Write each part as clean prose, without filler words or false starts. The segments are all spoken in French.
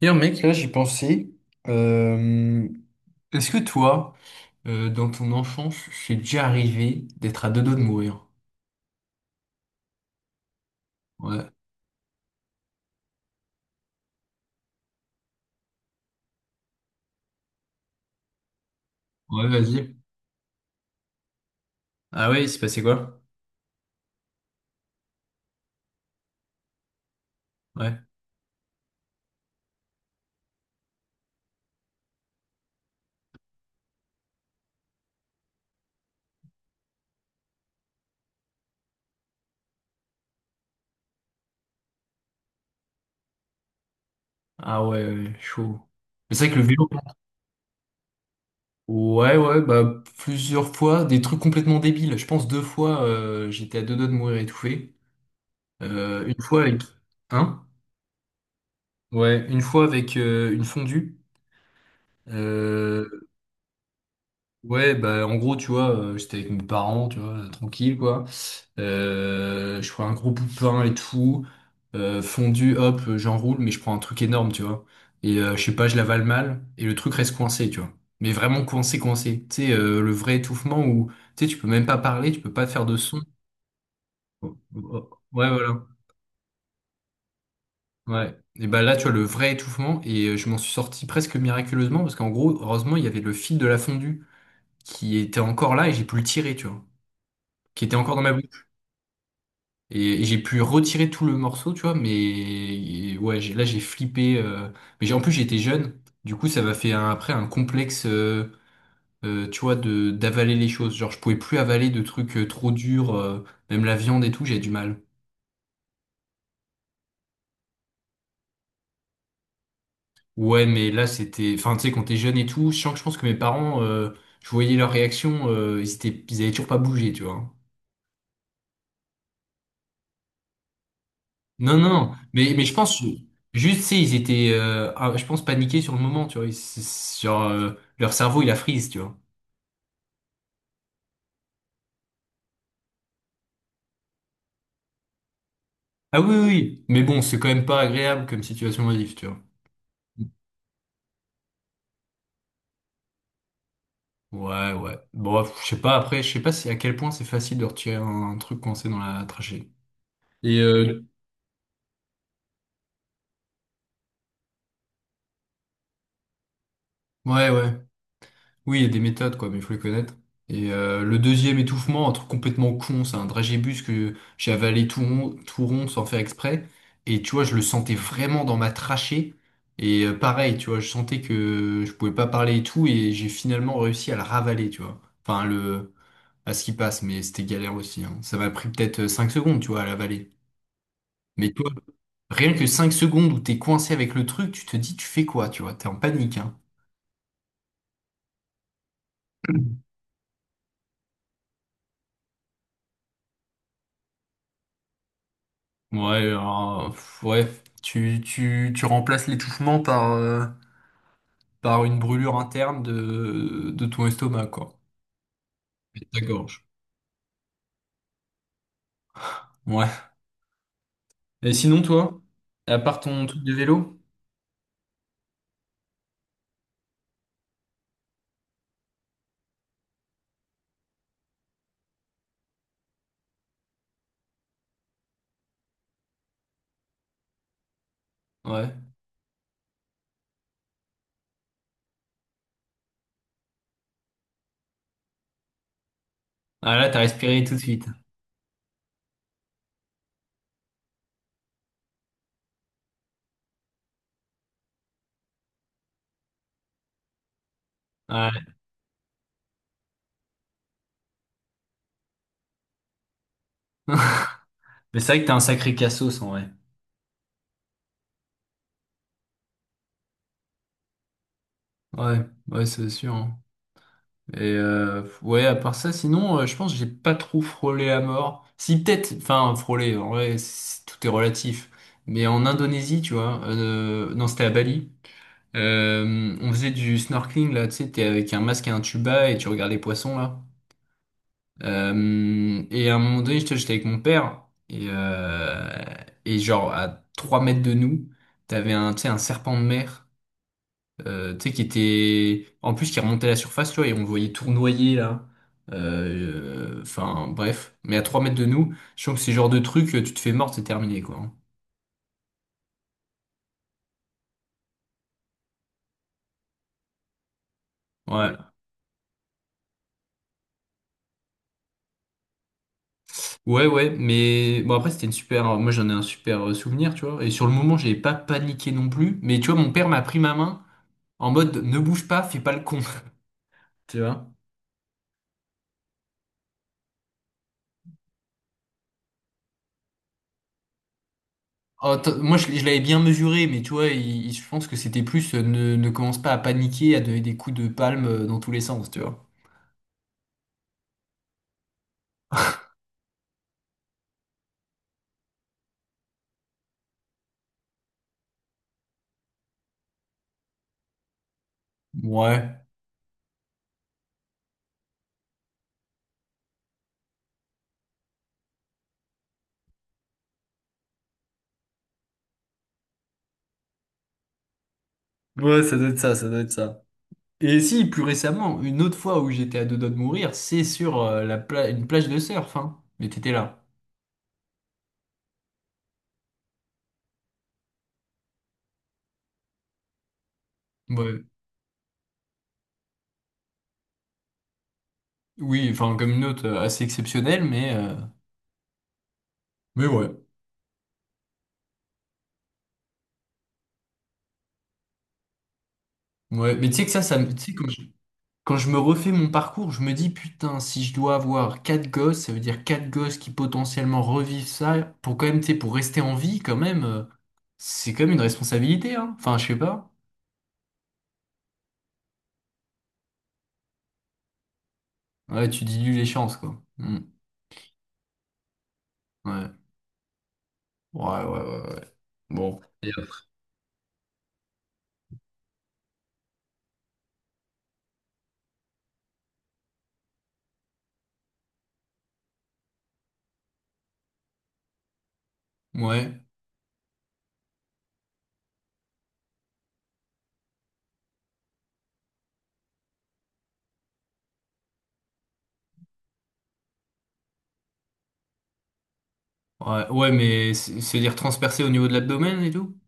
D'ailleurs, mec, là, j'y pensais. Euh, Est-ce que toi, dans ton enfance, c'est déjà arrivé d'être à deux doigts de mourir? Ouais. Ouais, vas-y. Ah ouais, il s'est passé quoi? Ouais. Ah ouais, ouais, chaud. Mais c'est vrai que le vélo. Ouais, ouais, bah plusieurs fois, des trucs complètement débiles. Je pense deux fois, j'étais à deux doigts de mourir étouffé. Une fois avec. Hein? Ouais, une fois avec une fondue. Euh, ouais, bah en gros, tu vois, j'étais avec mes parents, tu vois, tranquille, quoi. Je prends un gros bout de pain et tout. Fondu, hop, j'enroule, mais je prends un truc énorme, tu vois. Et je sais pas, je l'avale mal et le truc reste coincé, tu vois. Mais vraiment coincé, coincé. Tu sais, le vrai étouffement où tu sais, tu peux même pas parler, tu peux pas faire de son. Oh, oh, oh. Ouais, voilà. Ouais. Et bah là, tu vois, le vrai étouffement, et je m'en suis sorti presque miraculeusement, parce qu'en gros, heureusement, il y avait le fil de la fondue qui était encore là et j'ai pu le tirer, tu vois. Qui était encore dans ma bouche. Et j'ai pu retirer tout le morceau, tu vois, mais et ouais, là j'ai flippé. Mais en plus j'étais jeune, du coup ça m'a fait après un complexe, tu vois, de d'avaler les choses. Genre je pouvais plus avaler de trucs trop durs, même la viande et tout, j'ai du mal. Ouais, mais là c'était, enfin tu sais, quand t'es jeune et tout, je sens que je pense que mes parents, je voyais leur réaction, ils étaient, ils avaient toujours pas bougé, tu vois. Non, non, mais je pense juste, c'est ils étaient, ah, je pense paniqués sur le moment, tu vois, genre leur cerveau il a freeze, tu vois. Ah oui, oui, oui. Mais bon, c'est quand même pas agréable comme situation modif, tu vois. Ouais, ouais. Bon, pff, je sais pas, après, je sais pas si à quel point c'est facile de retirer un truc coincé dans la trachée. Et ouais, ouais. Oui, il y a des méthodes, quoi, mais il faut les connaître. Et le deuxième étouffement, un truc complètement con, c'est un dragébus que j'ai avalé tout rond sans faire exprès. Et tu vois, je le sentais vraiment dans ma trachée. Et pareil, tu vois, je sentais que je pouvais pas parler et tout, et j'ai finalement réussi à le ravaler, tu vois. Enfin, le, à ce qui passe, mais c'était galère aussi. Hein. Ça m'a pris peut-être 5 secondes, tu vois, à la vallée. Mais toi, rien que 5 secondes où t'es coincé avec le truc, tu te dis, tu fais quoi, tu vois, t'es en panique, hein. Ouais, alors, pff, ouais, tu remplaces l'étouffement par, par une brûlure interne de ton estomac, quoi. Et de ta gorge. Ouais. Et sinon, toi, à part ton truc de vélo? Ouais. Ah là, t'as respiré tout de suite. Ouais. Mais c'est vrai que t'as un sacré cassos, en vrai. Ouais, ouais, c'est sûr. Hein. Et ouais, à part ça, sinon, je pense que j'ai pas trop frôlé à mort. Si peut-être, enfin frôlé, en vrai, c'est- tout est relatif. Mais en Indonésie, tu vois, non, c'était à Bali. On faisait du snorkeling là, tu sais, t'es avec un masque et un tuba et tu regardes les poissons là. Et à un moment donné, j'étais avec mon père et euh, et genre à 3 mètres de nous, t'avais un, tu sais, un serpent de mer tu sais, qui était, en plus, qui remontait à la surface, tu vois, et on le voyait tournoyer, là. Enfin, bref. Mais à 3 mètres de nous, je trouve que ces genre de truc tu te fais mort, c'est terminé, quoi. Hein. Ouais. Ouais, ouais, mais bon, après, c'était une super, moi, j'en ai un super souvenir, tu vois. Et sur le moment, j'ai pas paniqué non plus. Mais tu vois, mon père m'a pris ma main en mode, ne bouge pas, fais pas le con. Tu vois? Oh, moi, je l'avais bien mesuré, mais tu vois, je pense que c'était plus ne commence pas à paniquer, à donner des coups de palme dans tous les sens, tu vois. Ouais. Ouais, ça doit être ça, ça doit être ça. Et si, plus récemment, une autre fois où j'étais à deux doigts de mourir, c'est sur une plage de surf, hein. Mais t'étais là. Ouais. Oui, enfin, comme une autre assez exceptionnelle, mais ouais. Ouais. Mais tu sais que ça me... tu sais, quand je me refais mon parcours, je me dis, putain, si je dois avoir quatre gosses, ça veut dire quatre gosses qui potentiellement revivent ça, pour quand même, tu sais, pour rester en vie, quand même, c'est quand même une responsabilité, hein. Enfin, je sais pas. Ouais, tu dilues les chances, quoi. Mm. Ouais. Ouais, ouais, ouais. Ouais. Bon. Ouais, ouais, ouais, mais c'est- se dire transpercer au niveau de l'abdomen et tout?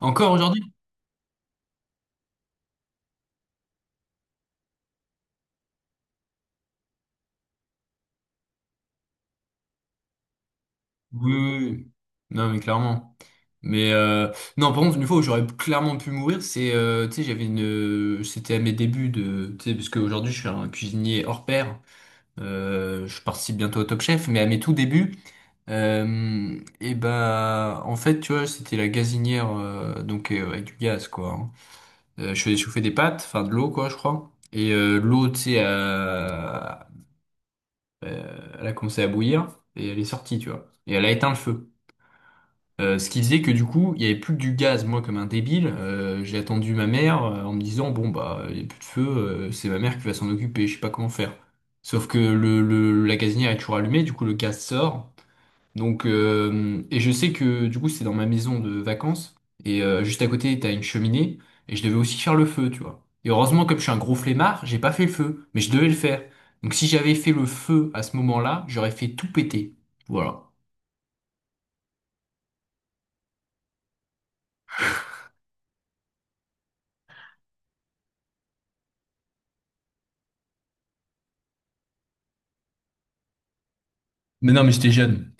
Encore aujourd'hui? Oui, oui, oui. Non, mais clairement. Mais non, par contre, une fois où j'aurais clairement pu mourir, c'est, tu sais, j'avais une, c'était à mes débuts de, tu sais, parce qu'aujourd'hui je suis un cuisinier hors pair, je participe bientôt au Top Chef, mais à mes tout débuts, et ben, en fait, tu vois, c'était la gazinière, donc avec du gaz, quoi. Hein. Je faisais chauffer des pâtes, enfin de l'eau quoi, je crois. Et l'eau, tu sais, elle a commencé à bouillir et elle est sortie, tu vois. Et elle a éteint le feu. Ce qui faisait que du coup, il n'y avait plus que du gaz. Moi, comme un débile, j'ai attendu ma mère en me disant, bon bah, il n'y a plus de feu, c'est ma mère qui va s'en occuper, je sais pas comment faire. Sauf que la gazinière est toujours allumée, du coup le gaz sort. Donc, et je sais que du coup, c'est dans ma maison de vacances. Et juste à côté, t'as une cheminée. Et je devais aussi faire le feu, tu vois. Et heureusement, comme je suis un gros flemmard, j'ai pas fait le feu. Mais je devais le faire. Donc, si j'avais fait le feu à ce moment-là, j'aurais fait tout péter. Voilà. Mais non, mais j'étais jeune.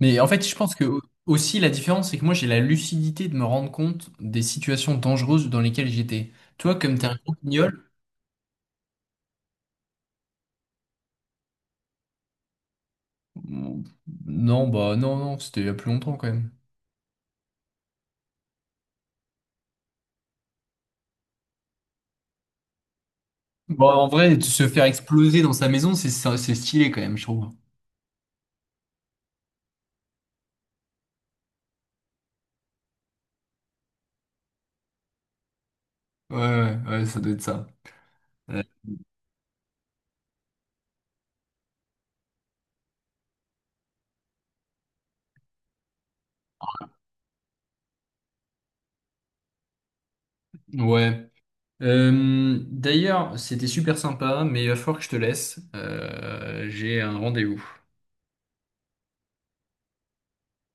Mais en fait, je pense que aussi la différence, c'est que moi, j'ai la lucidité de me rendre compte des situations dangereuses dans lesquelles j'étais. Toi, comme t'es un gros guignol, non, bah non, non, c'était il y a plus longtemps quand même. Bon, en vrai, se faire exploser dans sa maison, c'est stylé quand même, je trouve. Ouais, ouais, ouais, ça doit être ça. Euh, Ouais. D'ailleurs, c'était super sympa, mais il va falloir que je te laisse. J'ai un rendez-vous.